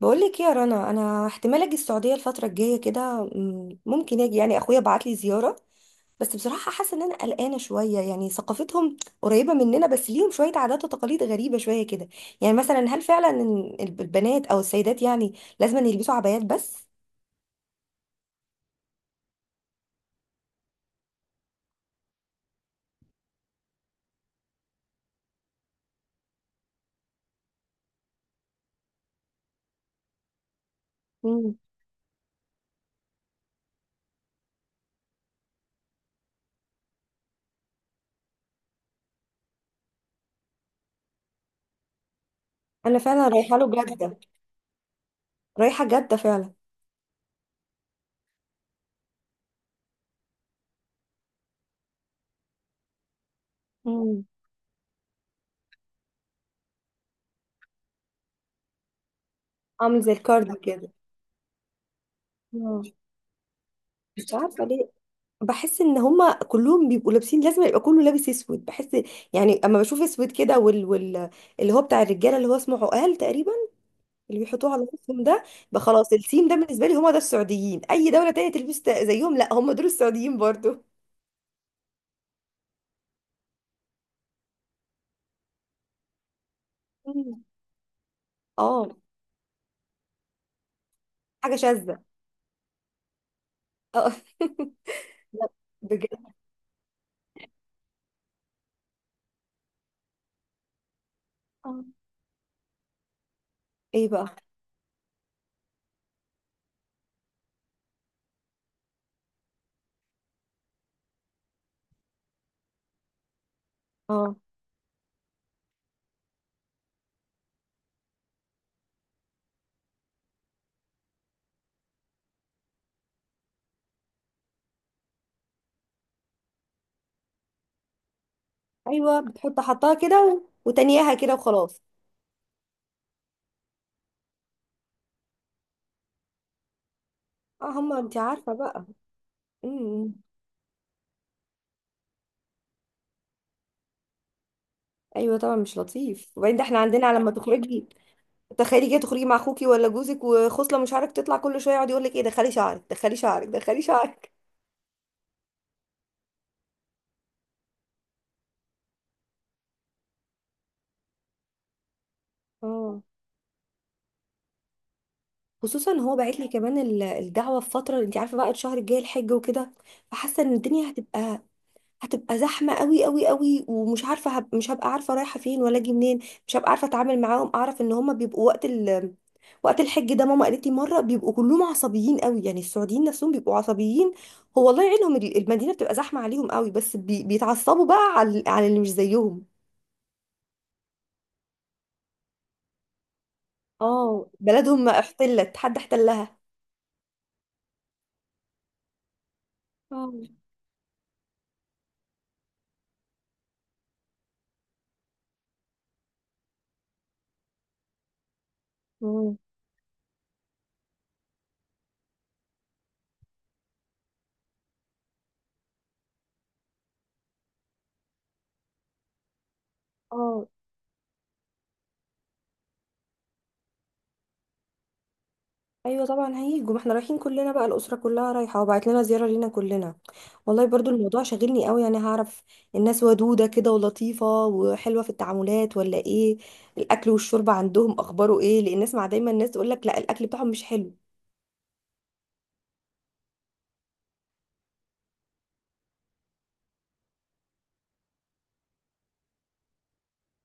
بقولك إيه يا رنا، انا احتمال اجي السعوديه الفتره الجايه كده، ممكن اجي، يعني اخويا بعت لي زياره. بس بصراحه حاسه ان انا قلقانه شويه، يعني ثقافتهم قريبه مننا بس ليهم شويه عادات وتقاليد غريبه شويه كده. يعني مثلا هل فعلا إن البنات او السيدات يعني لازم أن يلبسوا عبايات بس؟ مم. انا فعلا رايحه له جده. رايحه جده فعلا. مم. عامل زي الكارديو كده. مم. مش عارفه. بحس ان هما كلهم بيبقوا لابسين، لازم يبقى كله لابس اسود بحس. يعني اما بشوف اسود كده اللي هو بتاع الرجاله، اللي هو اسمه عقال تقريبا، اللي بيحطوه على راسهم ده. بقى خلاص السيم ده بالنسبه لي، هما ده السعوديين، اي دوله تانية تلبس زيهم لا، هما دول السعوديين برضو. مم. اه. حاجه شاذه. اه. لا، بجد. آه. ايه بقى؟ اه. ايوه، حطها كده و... وتانياها كده وخلاص. اه، هما انت عارفه بقى. إمم. ايوه طبعا، مش لطيف، وبعدين ده احنا عندنا لما تخرجي. تخيلي كده تخرجي مع اخوكي ولا جوزك، وخصله من شعرك تطلع كل شويه يقعد يقول لك ايه، دخلي شعرك دخلي شعرك دخلي شعرك. اه. خصوصا هو باعت لي كمان الدعوه في فتره انت عارفه بقى الشهر الجاي الحج وكده. فحاسه ان الدنيا هتبقى زحمة قوي قوي قوي، ومش عارفة هب... مش هبقى عارفة رايحة فين ولا اجي منين. مش هبقى عارفة اتعامل معاهم، اعرف ان هما بيبقوا وقت الحج ده، ماما قالت لي مرة بيبقوا كلهم عصبيين قوي، يعني السعوديين نفسهم بيبقوا عصبيين. هو الله يعينهم، المدينة بتبقى زحمة عليهم قوي، بس بيتعصبوا بقى على اللي مش زيهم. اه، بلدهم ما احتلت حد احتلها. اه. مم. اه. ايوه طبعا هيجوا، ما احنا رايحين كلنا بقى، الاسره كلها رايحه وبعت لنا زياره لينا كلنا. والله برضو الموضوع شاغلني قوي، يعني هعرف الناس ودوده كده ولطيفه وحلوه في التعاملات ولا ايه؟ الاكل والشرب عندهم اخباره ايه؟ لان اسمع دايما الناس تقول لك لا، الاكل بتاعهم مش حلو.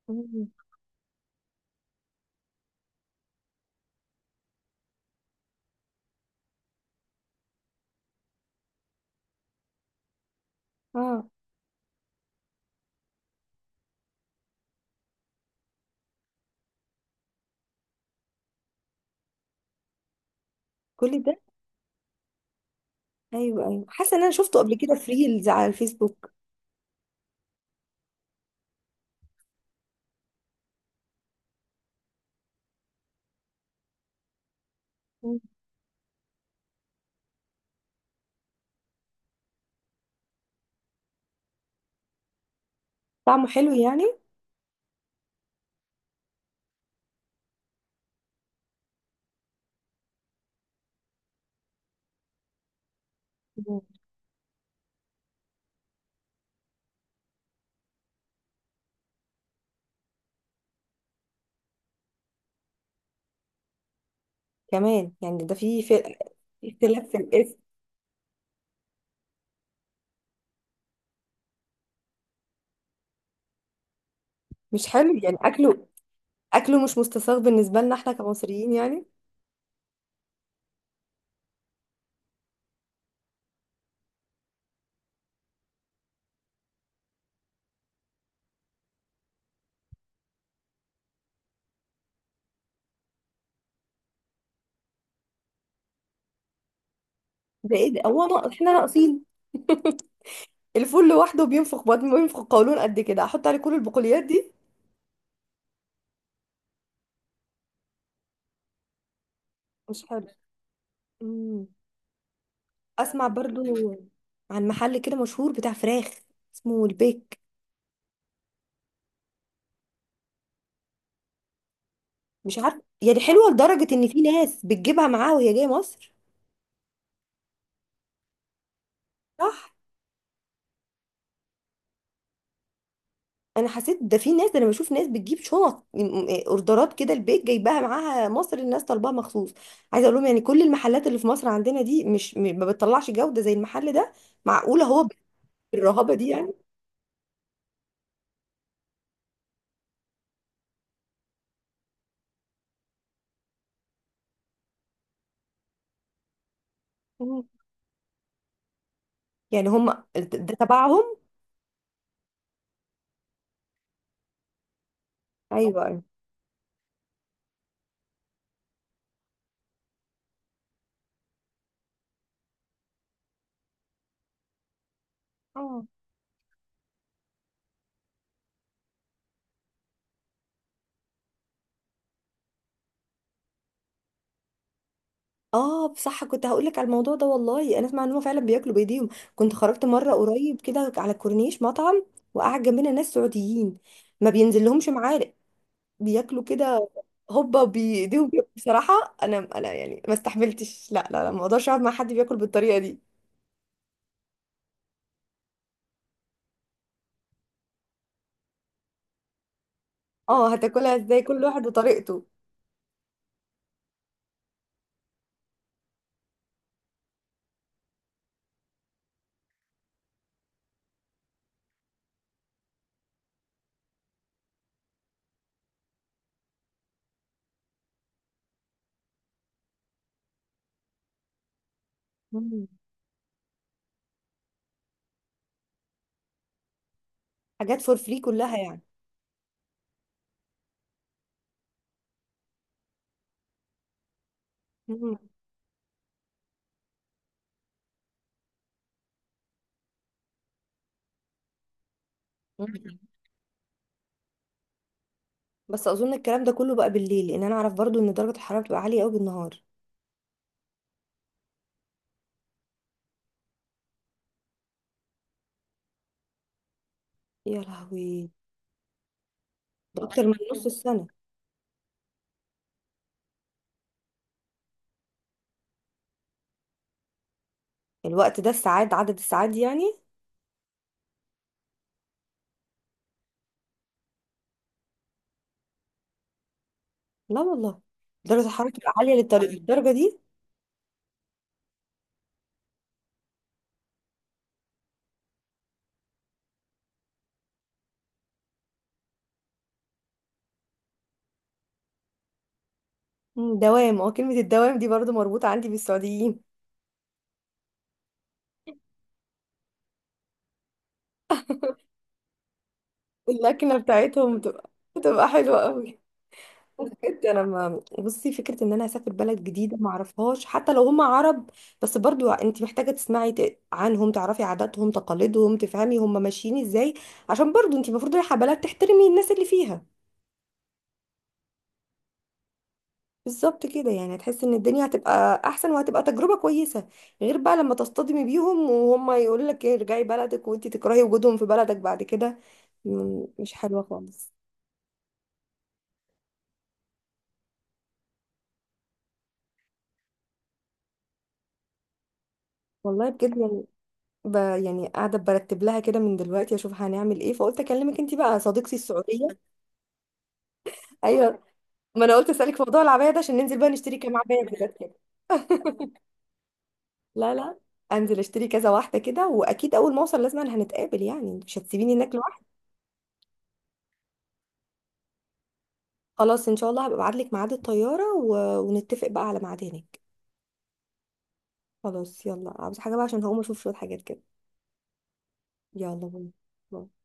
مم. اه، كل ده. ايوه، ايوه، حاسه ان انا شفته قبل كده في ريلز على الفيسبوك. مم. طعمه حلو يعني؟ مم. كمان يعني ده في اختلاف في الاسم. مش حلو يعني اكله. اكله مش مستساغ بالنسبه لنا احنا كمصريين يعني. ده ايه ده، هو ناقص احنا ناقصين؟ الفول لوحده بينفخ بطن بينفخ قولون قد كده، احط عليه كل البقوليات دي؟ مش حلو. امم اسمع برضو عن محل كده مشهور بتاع فراخ، اسمه البيك. مش عارف يعني، حلوه لدرجه ان في ناس بتجيبها معاها وهي جايه مصر. صح. انا حسيت ده، في ناس، ده انا بشوف ناس بتجيب شنط من- إيه، اوردرات كده، البيك جايباها معاها مصر، الناس طالباها مخصوص. عايزه اقول لهم يعني كل المحلات اللي في مصر عندنا دي مش ما بتطلعش جوده زي المحل ده. معقوله هو بالرهابه دي؟ يعني، يعني هم، ده تبعهم؟ ايوه، ايوه. اه. اه صح، كنت هقول لك على الموضوع ده، والله انا اسمع ان هم فعلا بياكلوا بايديهم. كنت خرجت مره قريب كده على الكورنيش مطعم، وقعد جنبنا ناس سعوديين، ما بينزل لهمش معالق، بياكلوا كده هوبا بايديهم كده. بصراحه انا يعني ما استحملتش، لا لا لا، ما اقدرش اقعد مع حد بياكل بالطريقه دي. اه، هتاكلها ازاي؟ كل واحد وطريقته. مم. حاجات فور فري كلها يعني؟ مم. مم. بس اظن الكلام ده كله بقى بالليل، لان انا اعرف برضو ان درجه الحراره بتبقى عاليه قوي بالنهار. يا لهوي! ده اكتر من نص السنه! الوقت ده الساعات، عدد الساعات دي يعني؟ لا والله، درجه الحراره بتبقى عاليه للطريق الدرجه دي؟ مم، دوام، اه، كلمه الدوام دي برضو مربوطه عندي بالسعوديين. اللكنه بتاعتهم بتبقى حلوه قوي. بجد انا ما بصي فكره ان انا اسافر بلد جديده ما اعرفهاش، حتى لو هم عرب. بس برضو انت محتاجه تسمعي عنهم، تعرفي عاداتهم تقاليدهم، تفهمي هم ماشيين ازاي. عشان برضو انت المفروض رايحه بلد تحترمي الناس اللي فيها. بالظبط كده، يعني هتحسي ان الدنيا هتبقى احسن وهتبقى تجربه كويسه. غير بقى لما تصطدمي بيهم وهم يقول لك ارجعي بلدك، وانت تكرهي وجودهم في بلدك بعد كده. مش حلوه خالص. والله بجد يعني. يعني قاعده برتب لها كده من دلوقتي، اشوف هنعمل ايه، فقلت اكلمك انت بقى صديقتي السعوديه. ايوه، ما انا قلت اسالك في موضوع العبايه ده عشان ننزل بقى نشتري كام عبايه بجد كده. لا، لا. انزل اشتري كذا واحده كده، واكيد اول ما اوصل لازم هنتقابل، يعني مش هتسيبيني هناك لوحدي. خلاص ان شاء الله هبقى ابعت لك ميعاد الطياره و... ونتفق بقى على ميعاد هناك. خلاص، يلا، عاوز حاجه بقى؟ عشان هقوم اشوف شويه حاجات كده. يلا، باي. باي.